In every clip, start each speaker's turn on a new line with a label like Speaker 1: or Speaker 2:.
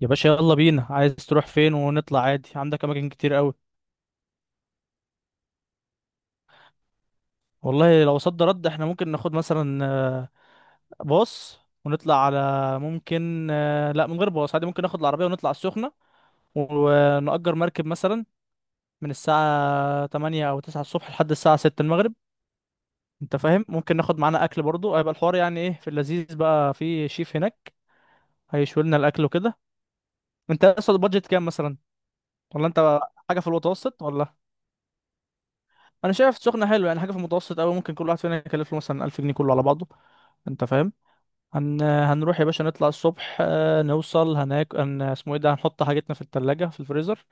Speaker 1: يا باشا يلا بينا، عايز تروح فين؟ ونطلع عادي، عندك اماكن كتير قوي. والله لو صد رد احنا ممكن ناخد مثلا باص ونطلع على ممكن لا، من غير باص عادي ممكن ناخد العربية ونطلع السخنة ونأجر مركب مثلا من الساعة 8 أو 9 الصبح لحد الساعة 6 المغرب. أنت فاهم؟ ممكن ناخد معانا أكل برضو، هيبقى الحوار يعني إيه؟ في اللذيذ بقى، في شيف هناك هيشوي لنا الأكل وكده. أنت أصلا البادجت كام مثلا؟ ولا أنت حاجة في المتوسط ولا؟ انا شايف سخنه حلوه، يعني حاجه في المتوسط قوي، ممكن كل واحد فينا يكلف له مثلا 1000 جنيه كله على بعضه. انت فاهم؟ هنروح يا باشا، نطلع الصبح نوصل هناك اسمه ايه ده، هنحط حاجتنا في التلاجة في الفريزر.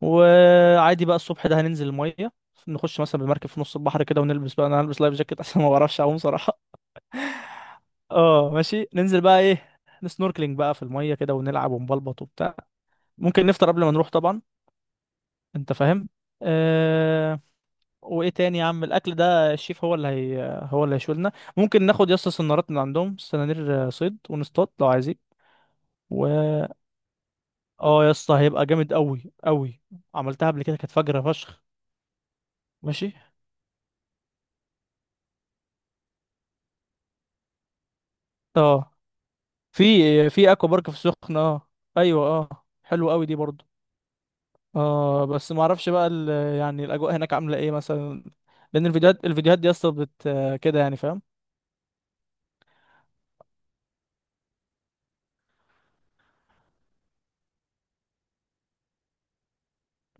Speaker 1: وعادي بقى، الصبح ده هننزل الميه، نخش مثلا بالمركب في نص البحر كده ونلبس بقى، انا هلبس لايف جاكيت عشان ما بعرفش اعوم صراحه. اه ماشي، ننزل بقى ايه، نسنوركلينج بقى في الميه كده ونلعب ونبلبط وبتاع. ممكن نفطر قبل ما نروح طبعا. انت فاهم. آه، وايه تاني يا عم؟ الاكل ده الشيف هو اللي هو اللي هيشولنا. ممكن ناخد يا اسطى سنارات من عندهم، سنانير صيد، ونصطاد لو عايزين. و اه يا اسطى هيبقى جامد قوي قوي. عملتها قبل كده كانت فجرة فشخ. ماشي. اه. في في اكوا بارك في السخنة اه. ايوه اه، حلو قوي دي برضو. اه بس ما اعرفش بقى يعني الاجواء هناك عاملة ايه مثلا؟ لان الفيديوهات دي يا اسطى كده يعني، فاهم.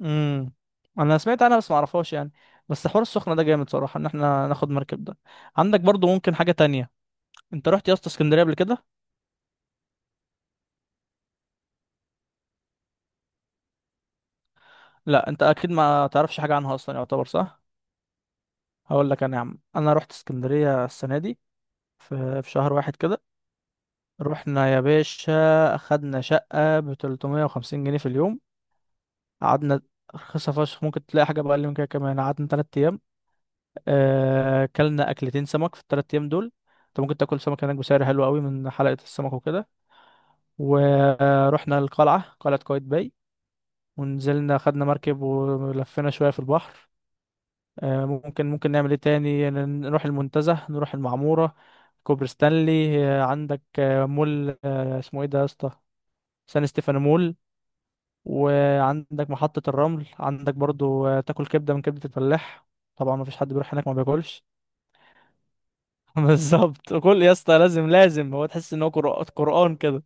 Speaker 1: امم. انا سمعت عنها بس ما اعرفهاش يعني. بس حوار السخنه ده جامد صراحه، ان احنا ناخد مركب ده. عندك برضو ممكن حاجه تانية. انت رحت يا اسطى اسكندريه قبل كده؟ لا انت اكيد ما تعرفش حاجه عنها اصلا، يعتبر صح. هقول لك انا يا عم، انا رحت اسكندريه السنه دي في شهر واحد كده. رحنا يا باشا، اخدنا شقه ب 350 جنيه في اليوم. قعدنا، رخيصة فشخ ممكن تلاقي حاجة بأقل من كده كمان. قعدنا 3 أيام، أكلنا أكلتين سمك في ال3 أيام دول. أنت ممكن تاكل سمك هناك بسعر حلو قوي من حلقة السمك وكده. ورحنا القلعة، قلعة قايتباي. ونزلنا خدنا مركب ولفينا شوية في البحر. ممكن نعمل ايه تاني؟ نروح المنتزه، نروح المعمورة، كوبري ستانلي عندك مول اسمه ايه ده يا اسطى؟ سان ستيفانو مول. وعندك محطة الرمل، عندك برضو تاكل كبدة من كبدة الفلاح، طبعا مفيش حد بيروح هناك ما بياكلش. بالظبط، كل يا اسطى، لازم لازم هو تحس ان هو قرآن كده.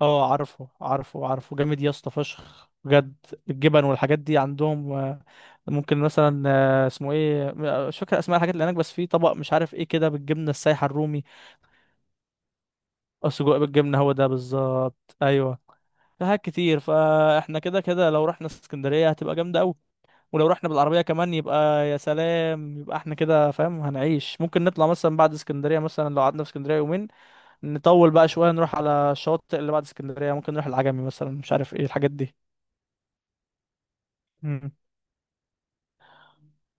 Speaker 1: اه، عارفه عارفه عارفه، جامد يا اسطى فشخ بجد. الجبن والحاجات دي عندهم ممكن مثلا اسمه ايه، مش فاكر اسماء الحاجات اللي هناك، بس في طبق مش عارف ايه كده بالجبنه السايحه الرومي، او سجق بالجبنه، هو ده بالظبط، ايوه. في حاجات كتير، فاحنا كده كده لو رحنا اسكندريه هتبقى جامده قوي. ولو رحنا بالعربيه كمان يبقى يا سلام، يبقى احنا كده، فاهم؟ هنعيش. ممكن نطلع مثلا بعد اسكندريه مثلا لو قعدنا في اسكندريه يومين، نطول بقى شويه نروح على الشواطئ اللي بعد اسكندريه، ممكن نروح العجمي مثلا، مش عارف ايه الحاجات دي. مم.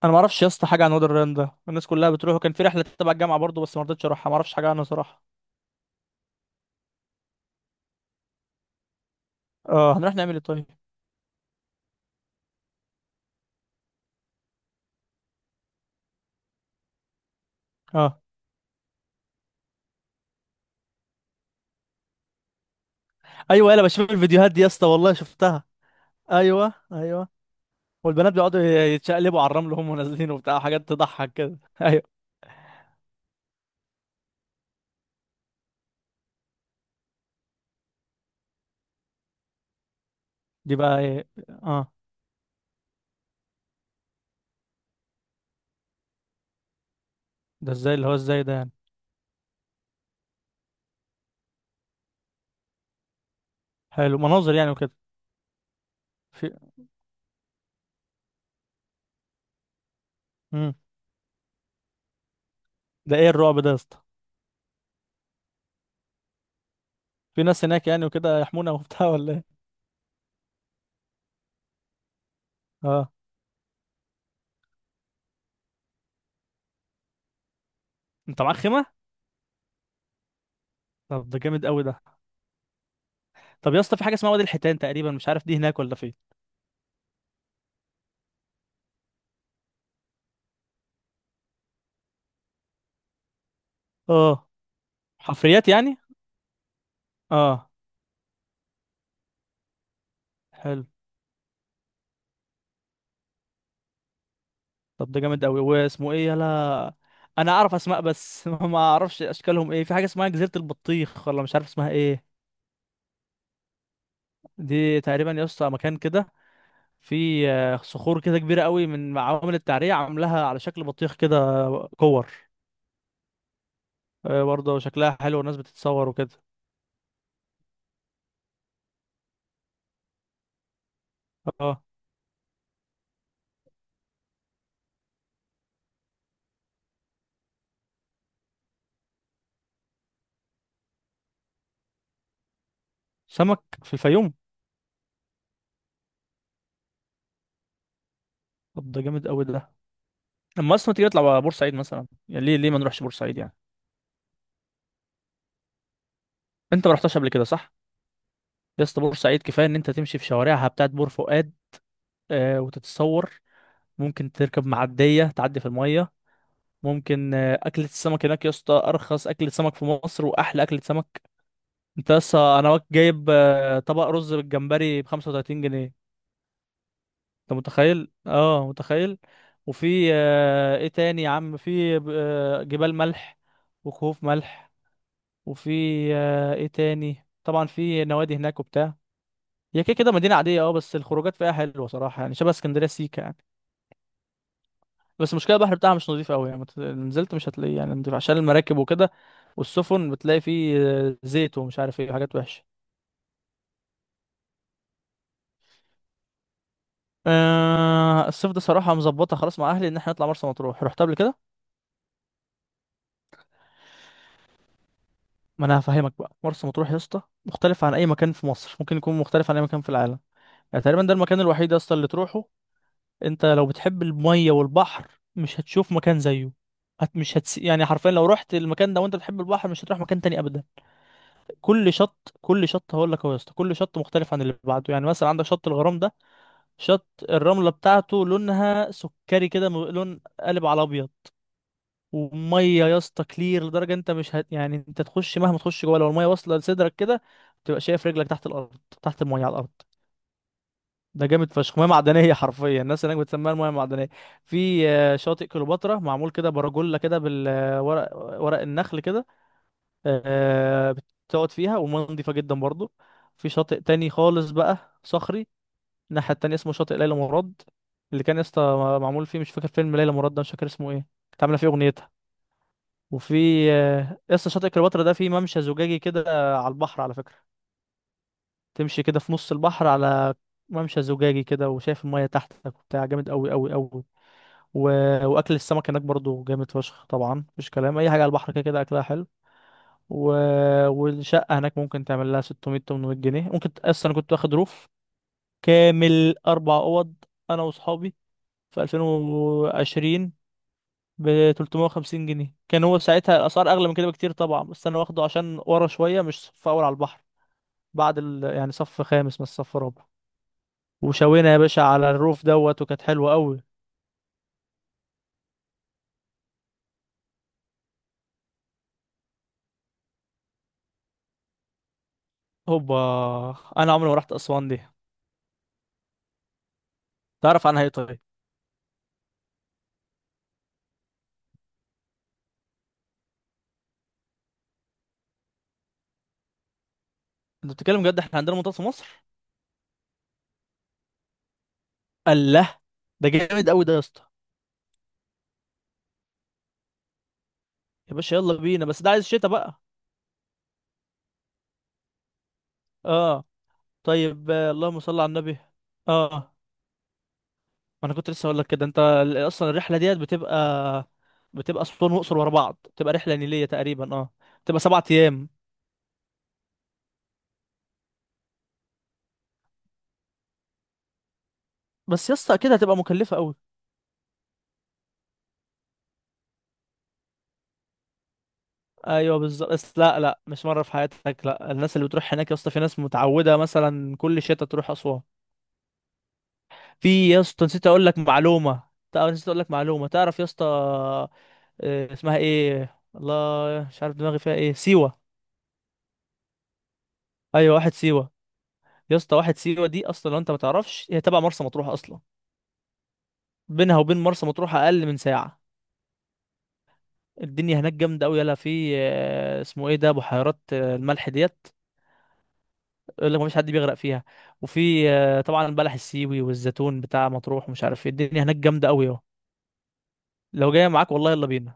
Speaker 1: انا ما اعرفش يا اسطى حاجه عن وادي الريان ده، الناس كلها بتروح، وكان في رحله تبع الجامعه برضه بس ما رضيتش اروحها، ما اعرفش حاجه عنها صراحه. اه. هنروح نعمل ايه طيب؟ اه. ايوه انا بشوف الفيديوهات دي يا اسطى، والله شفتها. ايوه ايوه. والبنات بيقعدوا يتشقلبوا على الرمل وهم نازلين وبتاع، حاجات تضحك كده ايوه. دي بقى ايه؟ اه. ده ازاي، اللي هو ازاي ده يعني؟ حلو، مناظر يعني وكده. في مم. ده ايه الرعب ده يا اسطى؟ في ناس هناك يعني وكده يحمونا وبتاع ولا ايه؟ اه. انت معاك خيمه؟ طب ده جامد قوي ده. طب يا اسطى في حاجه اسمها وادي الحيتان تقريبا، مش عارف دي هناك ولا فين. اه حفريات يعني. اه حلو. طب ده جامد قوي، واسمه ايه يلا؟ انا اعرف اسماء بس ما اعرفش اشكالهم ايه. في حاجه اسمها جزيره البطيخ ولا مش عارف اسمها ايه. دي تقريبا يا اسطى مكان كده، في صخور كده كبيره قوي من عوامل التعريه عاملاها على شكل بطيخ كده، كور. برضه شكلها حلو والناس بتتصور وكده. اه سمك في الفيوم؟ طب ده جامد قوي ده. لما اصلا تيجي نطلع على بورسعيد مثلا، يعني ليه ما نروحش بورسعيد يعني؟ انت ما رحتش قبل كده صح؟ يا اسطى بورسعيد كفايه ان انت تمشي في شوارعها بتاعت بور فؤاد، آه، وتتصور. ممكن تركب معديه تعدي في الميه. ممكن آه اكله السمك هناك يا اسطى ارخص اكله سمك في مصر واحلى اكله سمك. انت لسه انا جايب آه طبق رز بالجمبري ب 35 جنيه. انت متخيل؟ اه متخيل. وفي آه ايه تاني يا عم، في آه جبال ملح وكهوف ملح. وفي آه ايه تاني، طبعا في نوادي هناك وبتاع. هي كده كده مدينة عادية اه، بس الخروجات فيها حلوة صراحة، يعني شبه اسكندرية سيكا يعني. بس المشكلة البحر بتاعها مش نظيف قوي يعني، نزلت مش هتلاقيه يعني نضيف عشان المراكب وكده، والسفن بتلاقي فيه زيت ومش عارف ايه حاجات وحشة. أه الصيف ده صراحة مظبطة خلاص مع أهلي إن احنا نطلع مرسى مطروح. رحت قبل كده؟ ما أنا هفهمك بقى، مرسى مطروح يا اسطى مختلف عن أي مكان في مصر، ممكن يكون مختلف عن أي مكان في العالم. يعني تقريبا ده المكان الوحيد يا اسطى اللي تروحه انت لو بتحب المية والبحر. مش هتشوف مكان زيه. هت مش هتس... يعني حرفيا لو رحت المكان ده وانت بتحب البحر مش هتروح مكان تاني ابدا. كل شط هقول لك اهو يا اسطى، كل شط مختلف عن اللي بعده، يعني مثلا عندك شط الغرام ده، شط الرملة بتاعته لونها سكري كده، لون قالب على ابيض. وميه يا اسطى كلير لدرجة انت مش هت... يعني انت تخش مهما تخش جوه، لو الميه واصلة لصدرك كده تبقى شايف رجلك تحت الارض، تحت الميه على الارض. ده جامد فشخ، ميه معدنيه حرفيا الناس هناك بتسميها الميه المعدنيه. في شاطئ كليوباترا معمول كده برجولة كده بالورق، ورق النخل كده. آه، بتقعد فيها والميه نضيفه جدا برضو. في شاطئ تاني خالص بقى صخري، الناحيه التانيه اسمه شاطئ ليلى مراد. اللي كان يا اسطى معمول فيه، مش فاكر فيلم ليلى مراد ده مش فاكر اسمه ايه، كانت عامله فيه اغنيتها. وفي يا اسطى شاطئ كليوباترا ده فيه ممشى زجاجي كده على البحر، على فكره. تمشي كده في نص البحر على ممشى زجاجي كده وشايف المية تحتك وبتاع، جامد قوي قوي قوي. و... واكل السمك هناك برضو جامد فشخ، طبعا مفيش كلام، اي حاجة على البحر كده كده اكلها حلو. و... والشقة هناك ممكن تعمل لها 600 800 جنيه، ممكن اصلا انا كنت واخد روف كامل 4 اوض، انا واصحابي، في 2020 ب 350 جنيه. كان هو ساعتها الاسعار اغلى من كده بكتير طبعا، بس انا واخده عشان ورا شوية، مش صف اول على البحر، يعني صف خامس مش صف رابع. وشوينا يا باشا على الروف دوت وكانت حلوه قوي. هوبا. انا عمري ما رحت اسوان دي. تعرف عنها ايه طيب؟ انت بتتكلم جد، احنا عندنا منطقه في مصر! الله، ده جامد قوي ده يا اسطى. يا باشا يلا بينا، بس ده عايز شتا بقى. اه طيب. اللهم صل على النبي. اه ما انا كنت لسه اقول لك كده، انت اصلا الرحله ديت بتبقى اسوان واقصر ورا بعض، بتبقى رحله نيليه تقريبا، اه. بتبقى 7 ايام. بس يا اسطى اكيد هتبقى مكلفه قوي. ايوه بالظبط، بس لا لا مش مره في حياتك، لا، الناس اللي بتروح هناك يا اسطى في ناس متعوده مثلا كل شتاء تروح اسوان. في يا اسطى نسيت اقول لك معلومه، نسيت اقول لك معلومه، تعرف يا اسطى اسمها ايه، الله مش عارف دماغي فيها ايه، سيوه. ايوه واحد سيوه. يا اسطى واحد سيوه دي اصلا لو انت ما تعرفش هي تبع مرسى مطروح اصلا، بينها وبين مرسى مطروح اقل من ساعه. الدنيا هناك جامده قوي، يلا في اسمه ايه ده، بحيرات الملح ديت يقول لك مفيش حد بيغرق فيها. وفي طبعا البلح السيوي والزيتون بتاع مطروح ومش عارف ايه، الدنيا هناك جامده قوي اهو. لو جايه معاك والله يلا بينا.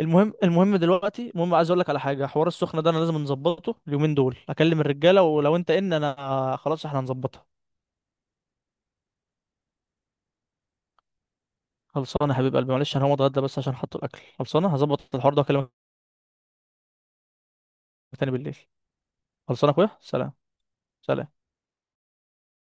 Speaker 1: المهم، المهم دلوقتي، المهم عايز اقول لك على حاجه، حوار السخنه ده انا لازم نظبطه اليومين دول، اكلم الرجاله ولو انت ان انا خلاص احنا هنظبطها. خلصانه يا حبيب قلبي، معلش انا هقوم اتغدى بس عشان حط الاكل، خلصانه هظبط الحوار ده واكلمك تاني بالليل. خلصانه يا اخويا سلام. سلام.